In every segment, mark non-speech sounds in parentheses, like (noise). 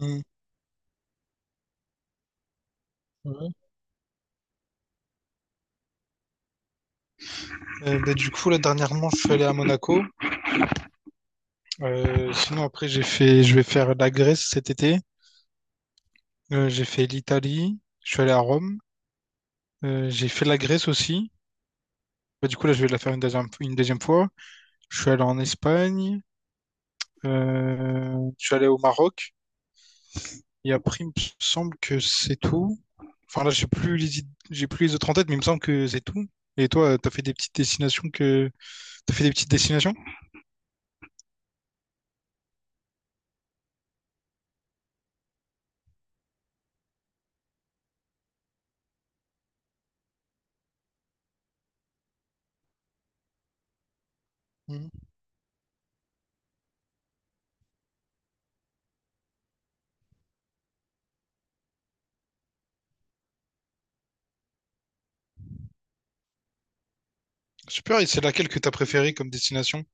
Mm. Ouais. Du coup, là, dernièrement, je suis allé à Monaco. Sinon, après, je vais faire la Grèce cet été. J'ai fait l'Italie. Je suis allé à Rome. J'ai fait la Grèce aussi. Du coup, là, je vais la faire une deuxième fois. Je suis allé en Espagne. Je suis allé au Maroc. Et après, il me semble que c'est tout. Enfin, là, j'ai plus les autres en tête, mais il me semble que c'est tout. Et toi, t'as fait des petites t'as fait des petites destinations? Mhm. Super, et c'est laquelle que t'as préférée comme destination?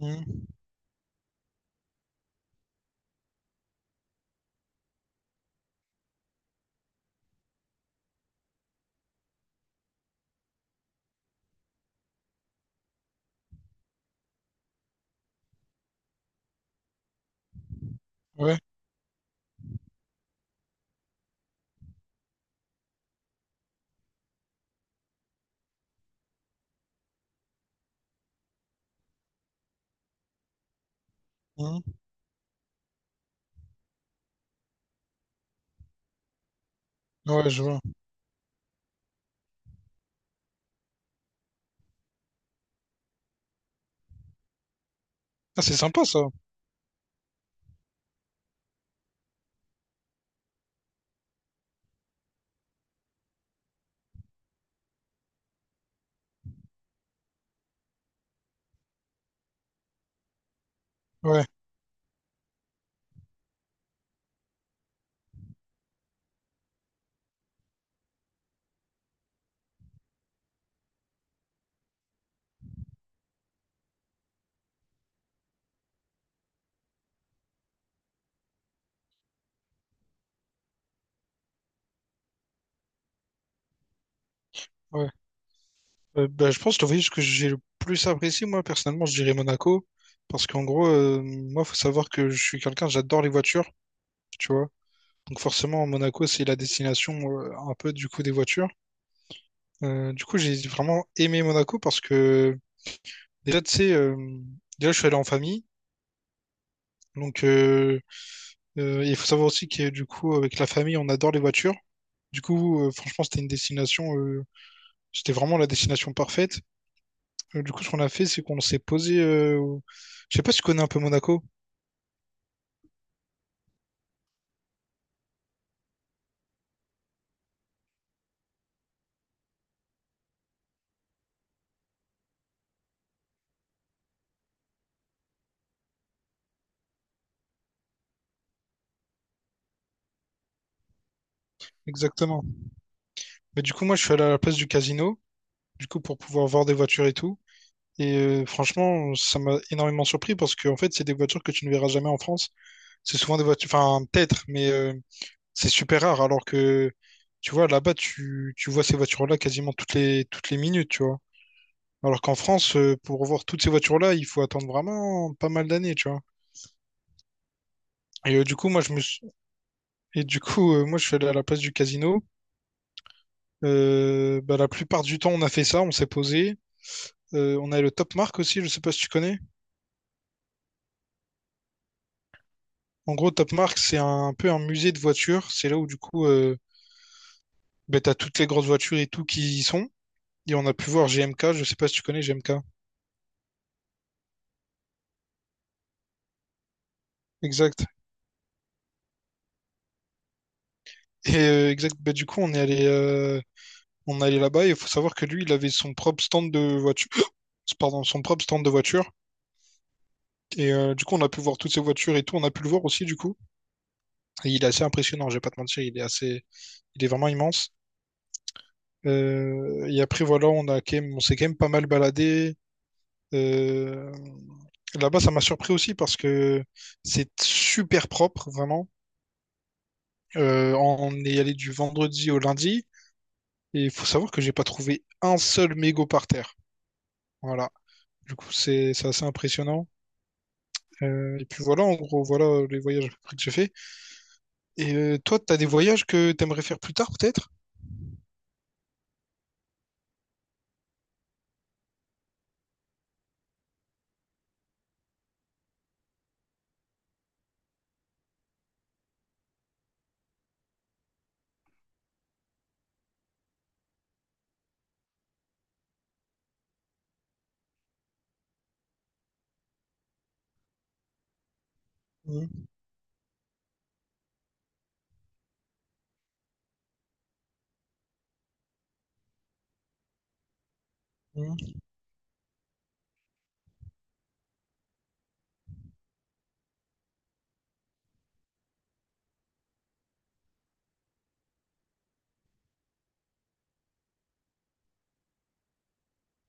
Mhm. Ouais. Mhm. Ouais, je vois. Ah, c'est sympa ça. Ouais, ouais. Je pense que le voyage que j'ai le plus apprécié, moi, personnellement, je dirais Monaco. Parce qu'en gros, moi, faut savoir que je suis quelqu'un, j'adore les voitures, tu vois. Donc forcément, Monaco, c'est la destination un peu du coup des voitures. Du coup, j'ai vraiment aimé Monaco parce que déjà, tu sais, je suis allé en famille. Donc, il faut savoir aussi que du coup, avec la famille, on adore les voitures. Du coup, franchement, c'était vraiment la destination parfaite. Du coup, ce qu'on a fait, c'est qu'on s'est Je sais pas si tu connais un peu Monaco, exactement. Mais du coup, moi, je suis allé à la place du casino, du coup, pour pouvoir voir des voitures et tout. Et franchement, ça m'a énormément surpris parce que, en fait, c'est des voitures que tu ne verras jamais en France. C'est souvent des voitures, enfin, peut-être, mais c'est super rare. Alors que, tu vois, là-bas, tu vois ces voitures-là quasiment toutes les minutes, tu vois. Alors qu'en France, pour voir toutes ces voitures-là, il faut attendre vraiment pas mal d'années, tu vois. Et du coup, moi, je me suis... Et du coup, moi, je suis allé à la place du casino. La plupart du temps, on a fait ça, on s'est posé. On a le Top Mark aussi, je sais pas si tu connais. En gros, Top Mark, c'est un peu un musée de voitures. C'est là où, du coup, t'as toutes les grosses voitures et tout qui y sont. Et on a pu voir GMK, je sais pas si tu connais GMK. Exact. Et du coup, on est allé là-bas et il faut savoir que lui, il avait son propre stand de voiture. (gasps) Pardon, son propre stand de voiture. Et du coup, on a pu voir toutes ces voitures et tout. On a pu le voir aussi, du coup. Et il est assez impressionnant, je vais pas te mentir. Il est vraiment immense. Et après, voilà, on s'est quand même pas mal baladé. Euh, là-bas, ça m'a surpris aussi parce que c'est super propre, vraiment. On est allé du vendredi au lundi et il faut savoir que j'ai pas trouvé un seul mégot par terre. Voilà. Du coup, c'est assez impressionnant. Et puis voilà, en gros, voilà les voyages à peu près que j'ai fait. Et toi, t'as des voyages que t'aimerais faire plus tard, peut-être? Mhm, mhm,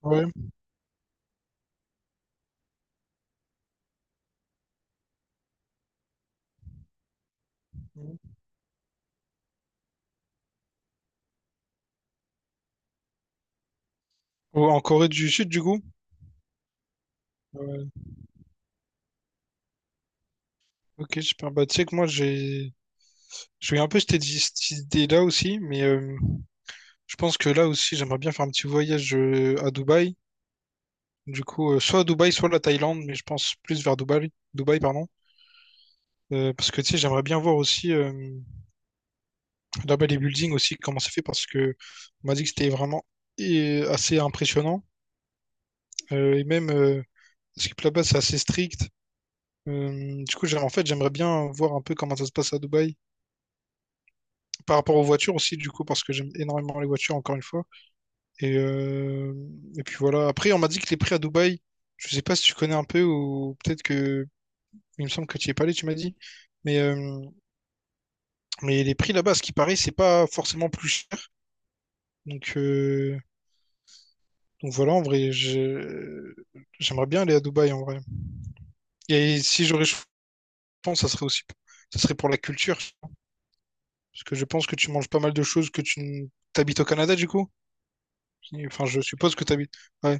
Ouais. Mhm. Ou en Corée du Sud, du coup? Ouais. Ok, super. Bah, tu sais que moi, je suis un peu cette idée-là aussi, mais je pense que là aussi, j'aimerais bien faire un petit voyage à Dubaï. Du coup, soit à Dubaï, soit à la Thaïlande, mais je pense plus vers Dubaï, pardon. Parce que tu sais, j'aimerais bien voir aussi là-bas les buildings aussi, comment c'est fait, parce que on m'a dit que c'était vraiment assez impressionnant. Euh, et même, euh, parce que là-bas, c'est assez strict. En fait, j'aimerais bien voir un peu comment ça se passe à Dubaï. Par rapport aux voitures aussi, du coup, parce que j'aime énormément les voitures, encore une fois. Et, euh, et puis voilà. Après, on m'a dit que les prix à Dubaï, je sais pas si tu connais un peu ou peut-être que il me semble que tu y es pas allé, tu m'as dit. Mais, euh, mais les prix là-bas, ce qui paraît, c'est pas forcément plus cher. Donc, euh, donc voilà, j'aimerais bien aller à Dubaï en vrai. Et si j'aurais choisi, je pense, ça serait pour la culture. Parce que je pense que tu manges pas mal de choses que tu n- t'habites au Canada du coup. Enfin, je suppose que t'habites. Ouais.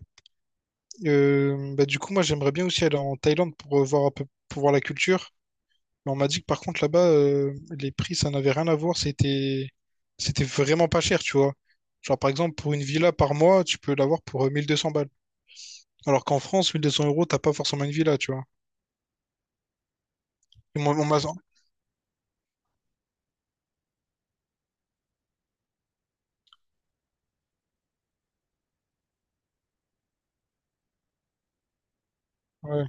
Du coup, moi, j'aimerais bien aussi aller en Thaïlande pour voir un peu, pour voir la culture. Mais on m'a dit que par contre là-bas, les prix, ça n'avait rien à voir. C'était vraiment pas cher, tu vois. Genre par exemple, pour une villa par mois, tu peux l'avoir pour 1200 balles. Alors qu'en France, 1200 euros, t'as pas forcément une villa, tu vois. Et moi, on m'a- ouais.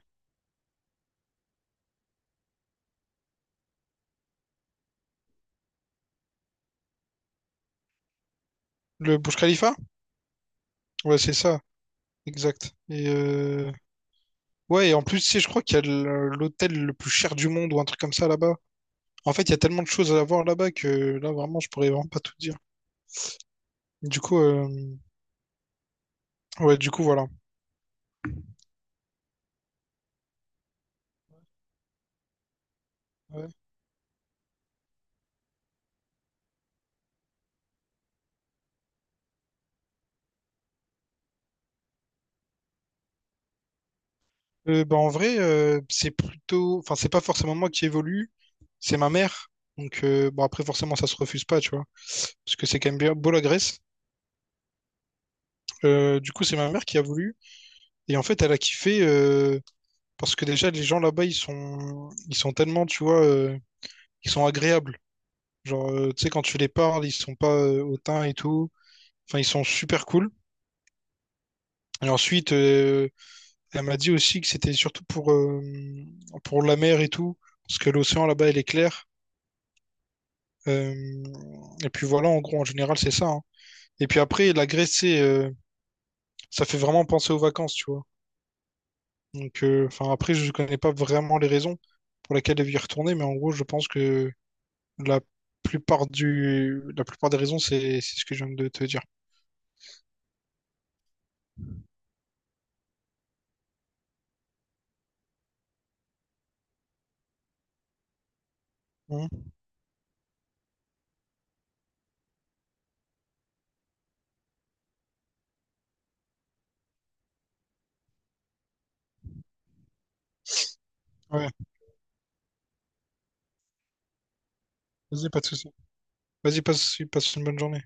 Le Burj Khalifa? Ouais, c'est ça. Exact. Et ouais, et en plus, tu sais, je crois qu'il y a le- l'hôtel le plus cher du monde ou un truc comme ça là-bas. En fait, il y a tellement de choses à voir là-bas que là, vraiment, je pourrais vraiment pas tout dire. Du coup, ouais, du coup, voilà. C'est plutôt, enfin, c'est pas forcément moi qui évolue, c'est ma mère. Donc, bon, après, forcément, ça se refuse pas, tu vois, parce que c'est quand même bien beau la Grèce. Du coup, c'est ma mère qui a voulu, et en fait, elle a kiffé parce que déjà, les gens ils sont tellement, tu vois, ils sont agréables. Genre, tu sais, quand tu les parles, ils sont pas hautains et tout. Enfin, ils sont super cool. Et ensuite, elle m'a dit aussi que c'était surtout pour la mer et tout, parce que l'océan là-bas, elle est claire. Euh, et puis voilà, en gros, en général, c'est ça, hein. Et puis après, ça fait vraiment penser aux vacances, tu vois. Donc, enfin, après, je connais pas vraiment les raisons pour lesquelles elle veut y retourner, mais en gros, je pense que la la plupart des raisons, c'est ce que je viens de te dire. Mhm. Ouais, vas-y, pas de souci. Vas-y, passe une bonne journée.